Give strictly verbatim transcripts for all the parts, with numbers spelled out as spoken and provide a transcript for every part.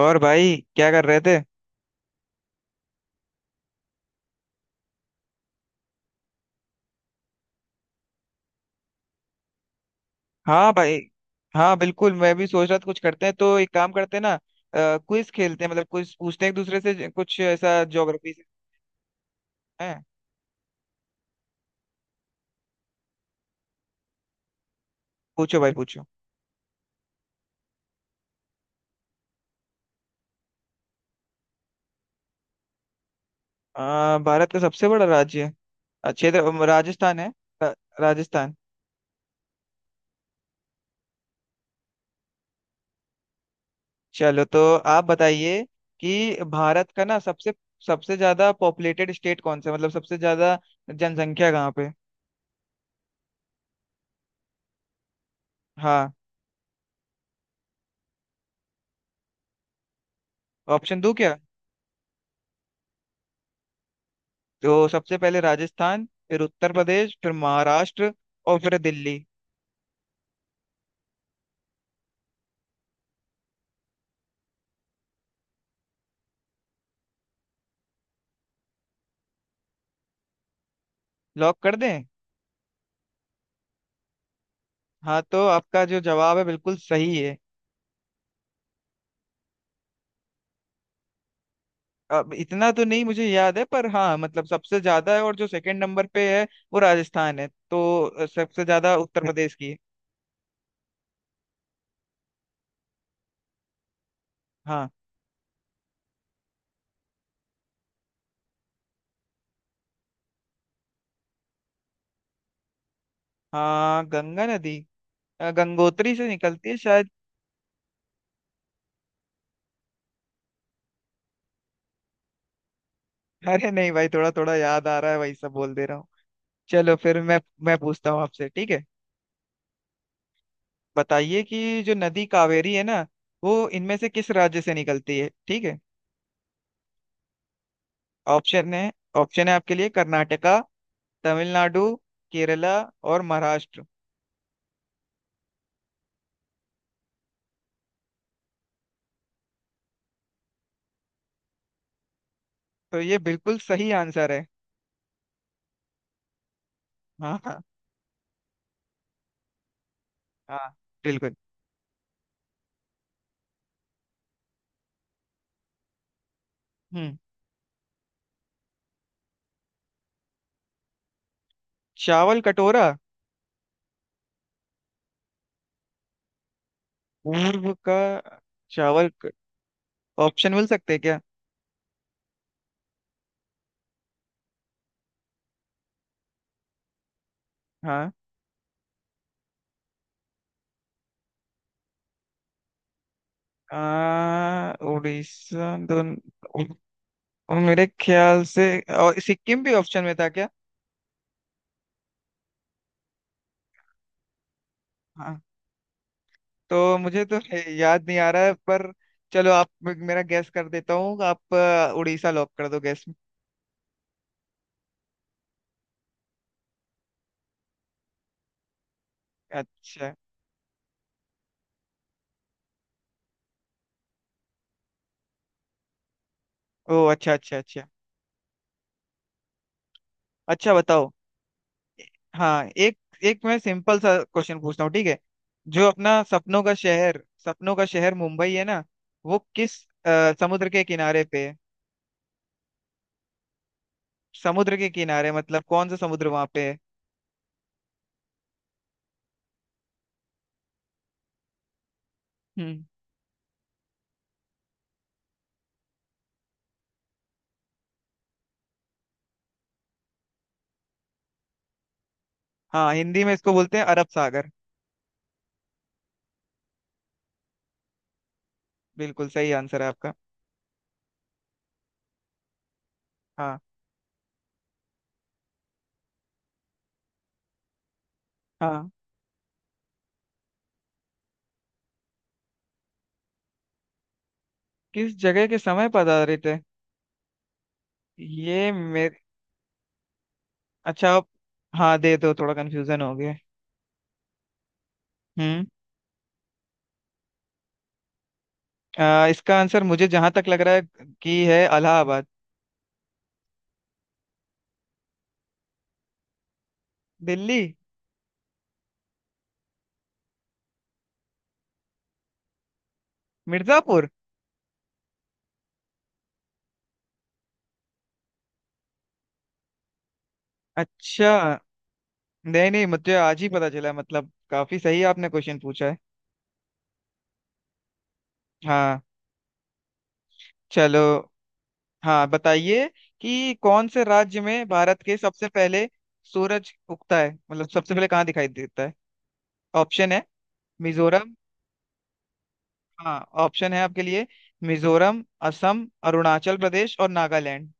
और भाई क्या कर रहे थे? हाँ भाई। हाँ, बिल्कुल। मैं भी सोच रहा था कुछ करते हैं, तो एक काम करते हैं ना। क्विज खेलते हैं, मतलब क्विज पूछते हैं एक दूसरे से, कुछ ऐसा ज्योग्राफी से है। पूछो भाई, पूछो। आ, भारत का सबसे बड़ा राज्य क्षेत्र अम, राजस्थान है। रा- राजस्थान। चलो, तो आप बताइए कि भारत का ना सबसे सबसे ज्यादा पॉपुलेटेड स्टेट कौन सा है? मतलब सबसे ज्यादा जनसंख्या कहाँ पे। हाँ, ऑप्शन दूं क्या? तो सबसे पहले राजस्थान, फिर उत्तर प्रदेश, फिर महाराष्ट्र, और फिर दिल्ली। लॉक कर दें? हाँ, तो आपका जो जवाब है बिल्कुल सही है। अब इतना तो नहीं मुझे याद है, पर हाँ, मतलब सबसे ज्यादा है। और जो सेकंड नंबर पे है वो राजस्थान है। तो अ, सबसे ज्यादा उत्तर प्रदेश की है। हाँ, हाँ। गंगा नदी अ, गंगोत्री से निकलती है शायद। अरे नहीं भाई, थोड़ा थोड़ा याद आ रहा है, वही सब बोल दे रहा हूँ। चलो, फिर मैं मैं पूछता हूँ आपसे, ठीक है? बताइए कि जो नदी कावेरी है ना, वो इनमें से किस राज्य से निकलती है, ठीक है। ऑप्शन है ऑप्शन है आपके लिए: कर्नाटका, तमिलनाडु, केरला और महाराष्ट्र। तो ये बिल्कुल सही आंसर है। हाँ, हाँ, हाँ, बिल्कुल। हम्म। चावल कटोरा। पूर्व का। चावल क- ऑप्शन मिल सकते हैं क्या? हाँ। आ, उड़ीसा, दोन- उ- मेरे ख्याल से। और सिक्किम भी ऑप्शन में था क्या? हाँ। तो मुझे तो याद नहीं आ रहा है, पर चलो, आप मेरा गैस कर देता हूँ। आप अ, उड़ीसा लॉक कर दो गैस में। अच्छा। ओ अच्छा, अच्छा, अच्छा। अच्छा, बताओ। हाँ, एक एक मैं सिंपल सा क्वेश्चन पूछता हूँ, ठीक है? जो अपना सपनों का शहर सपनों का शहर मुंबई है ना, वो किस अ, समुद्र के किनारे पे है? समुद्र के किनारे, मतलब कौन सा समुद्र वहां पे है? हम्म। हाँ, हिंदी में इसको बोलते हैं अरब सागर। बिल्कुल सही आंसर है आपका। हाँ, हाँ। किस जगह के समय पधारे थे? ये मेरे। अच्छा, आप। हाँ, दे दो, थोड़ा कंफ्यूजन हो गया। हम्म। आ, इसका आंसर मुझे जहां तक लग रहा है कि है इलाहाबाद। दिल्ली। मिर्जापुर। अच्छा। नहीं, नहीं, मुझे आज ही पता चला, मतलब काफी सही आपने क्वेश्चन पूछा है। हाँ। चलो। हाँ, बताइए कि कौन से राज्य में भारत के सबसे पहले सूरज उगता है, मतलब सबसे पहले कहाँ दिखाई देता है। ऑप्शन है। मिजोरम। हाँ, ऑप्शन है आपके लिए: मिजोरम, असम, अरुणाचल प्रदेश और नागालैंड।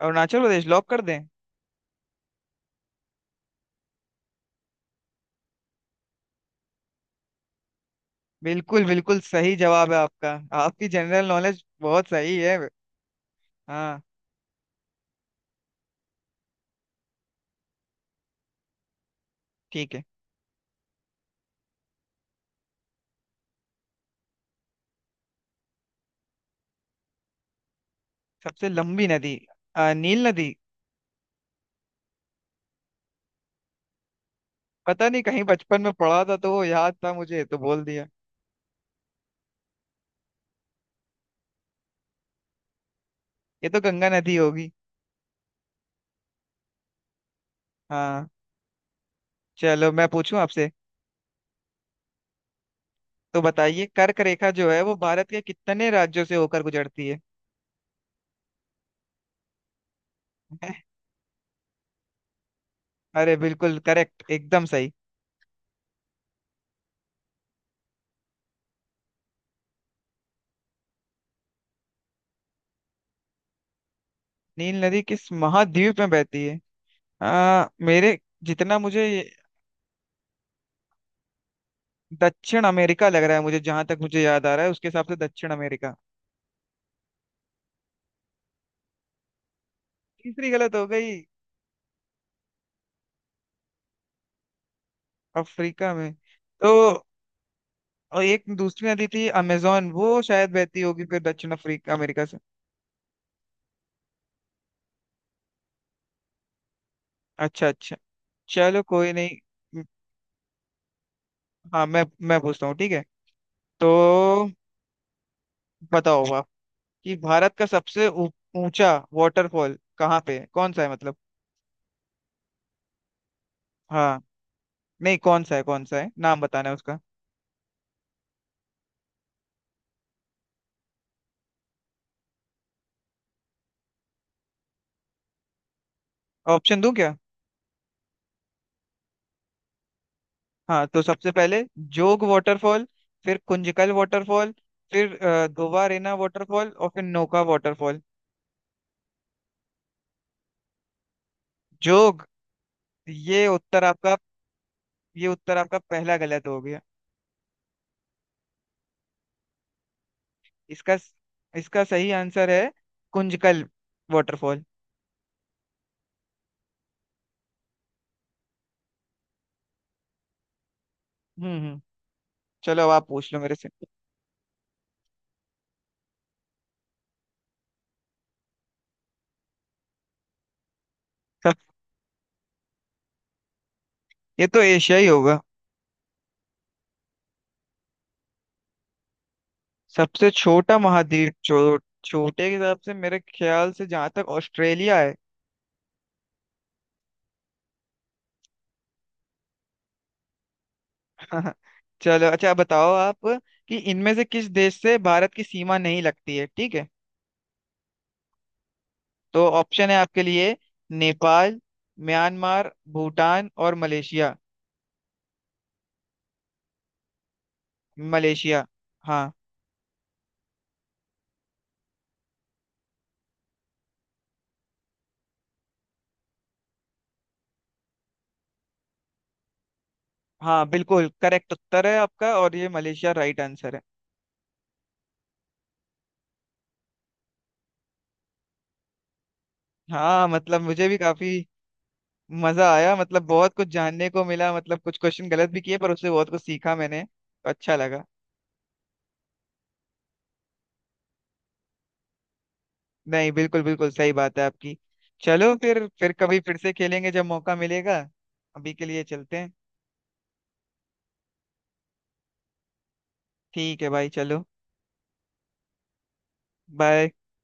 अरुणाचल प्रदेश लॉक कर दें? बिल्कुल बिल्कुल सही जवाब है आपका। आपकी जनरल नॉलेज बहुत सही है। हाँ, ठीक है। सबसे लंबी नदी, अ, नील नदी। पता नहीं, कहीं बचपन में पढ़ा था तो वो याद था मुझे, तो बोल दिया। ये तो गंगा नदी होगी। हाँ। चलो, मैं पूछूं आपसे? तो बताइए कर्क रेखा जो है वो भारत के कितने राज्यों से होकर गुजरती है? अरे बिल्कुल करेक्ट, एकदम सही। नील नदी किस महाद्वीप में बहती है? आ, मेरे, जितना मुझे। दक्षिण अमेरिका लग रहा है मुझे, जहां तक मुझे याद आ रहा है उसके हिसाब से दक्षिण अमेरिका। तीसरी गलत हो गई। अफ्रीका में। तो, और एक दूसरी नदी थी अमेजोन, वो शायद बहती होगी फिर दक्षिण अफ्रीका अमेरिका से। अच्छा, अच्छा। चलो, कोई नहीं। हाँ, मैं मैं पूछता हूँ, ठीक है? तो बताओ आप कि भारत का सबसे ऊ- ऊंचा वाटरफॉल कहाँ पे है, कौन सा है मतलब? हाँ। नहीं, कौन सा है, कौन सा है, नाम बताना है उसका। ऑप्शन दूं क्या? हाँ, तो सबसे पहले जोग वाटरफॉल, फिर कुंजकल वाटरफॉल, फिर अ, दोबारेना वाटरफॉल, और फिर नोका वाटरफॉल। जोग। ये उत्तर आपका? ये उत्तर आपका पहला गलत हो गया। इसका इसका सही आंसर है कुंजकल वाटरफॉल। हम्म, हम्म। चलो, अब आप पूछ लो मेरे से। सब- ये तो एशिया ही होगा। सबसे छोटा महाद्वीप, छो, छोटे के हिसाब से मेरे ख्याल से जहां तक ऑस्ट्रेलिया है। हाँ, हाँ। चलो, अच्छा बताओ आप कि इनमें से किस देश से भारत की सीमा नहीं लगती है, ठीक है? तो ऑप्शन है आपके लिए: नेपाल, म्यांमार, भूटान और मलेशिया। मलेशिया। हाँ। हाँ, बिल्कुल करेक्ट उत्तर है आपका, और ये मलेशिया राइट आंसर है। हाँ, मतलब मुझे भी काफी मजा आया। मतलब बहुत कुछ जानने को मिला, मतलब कुछ क्वेश्चन गलत भी किए, पर उससे बहुत कुछ सीखा, मैंने तो अच्छा लगा। नहीं, बिल्कुल बिल्कुल सही बात है आपकी। चलो फिर फिर कभी फिर से खेलेंगे जब मौका मिलेगा। अभी के लिए चलते हैं। ठीक है भाई, चलो। बाय।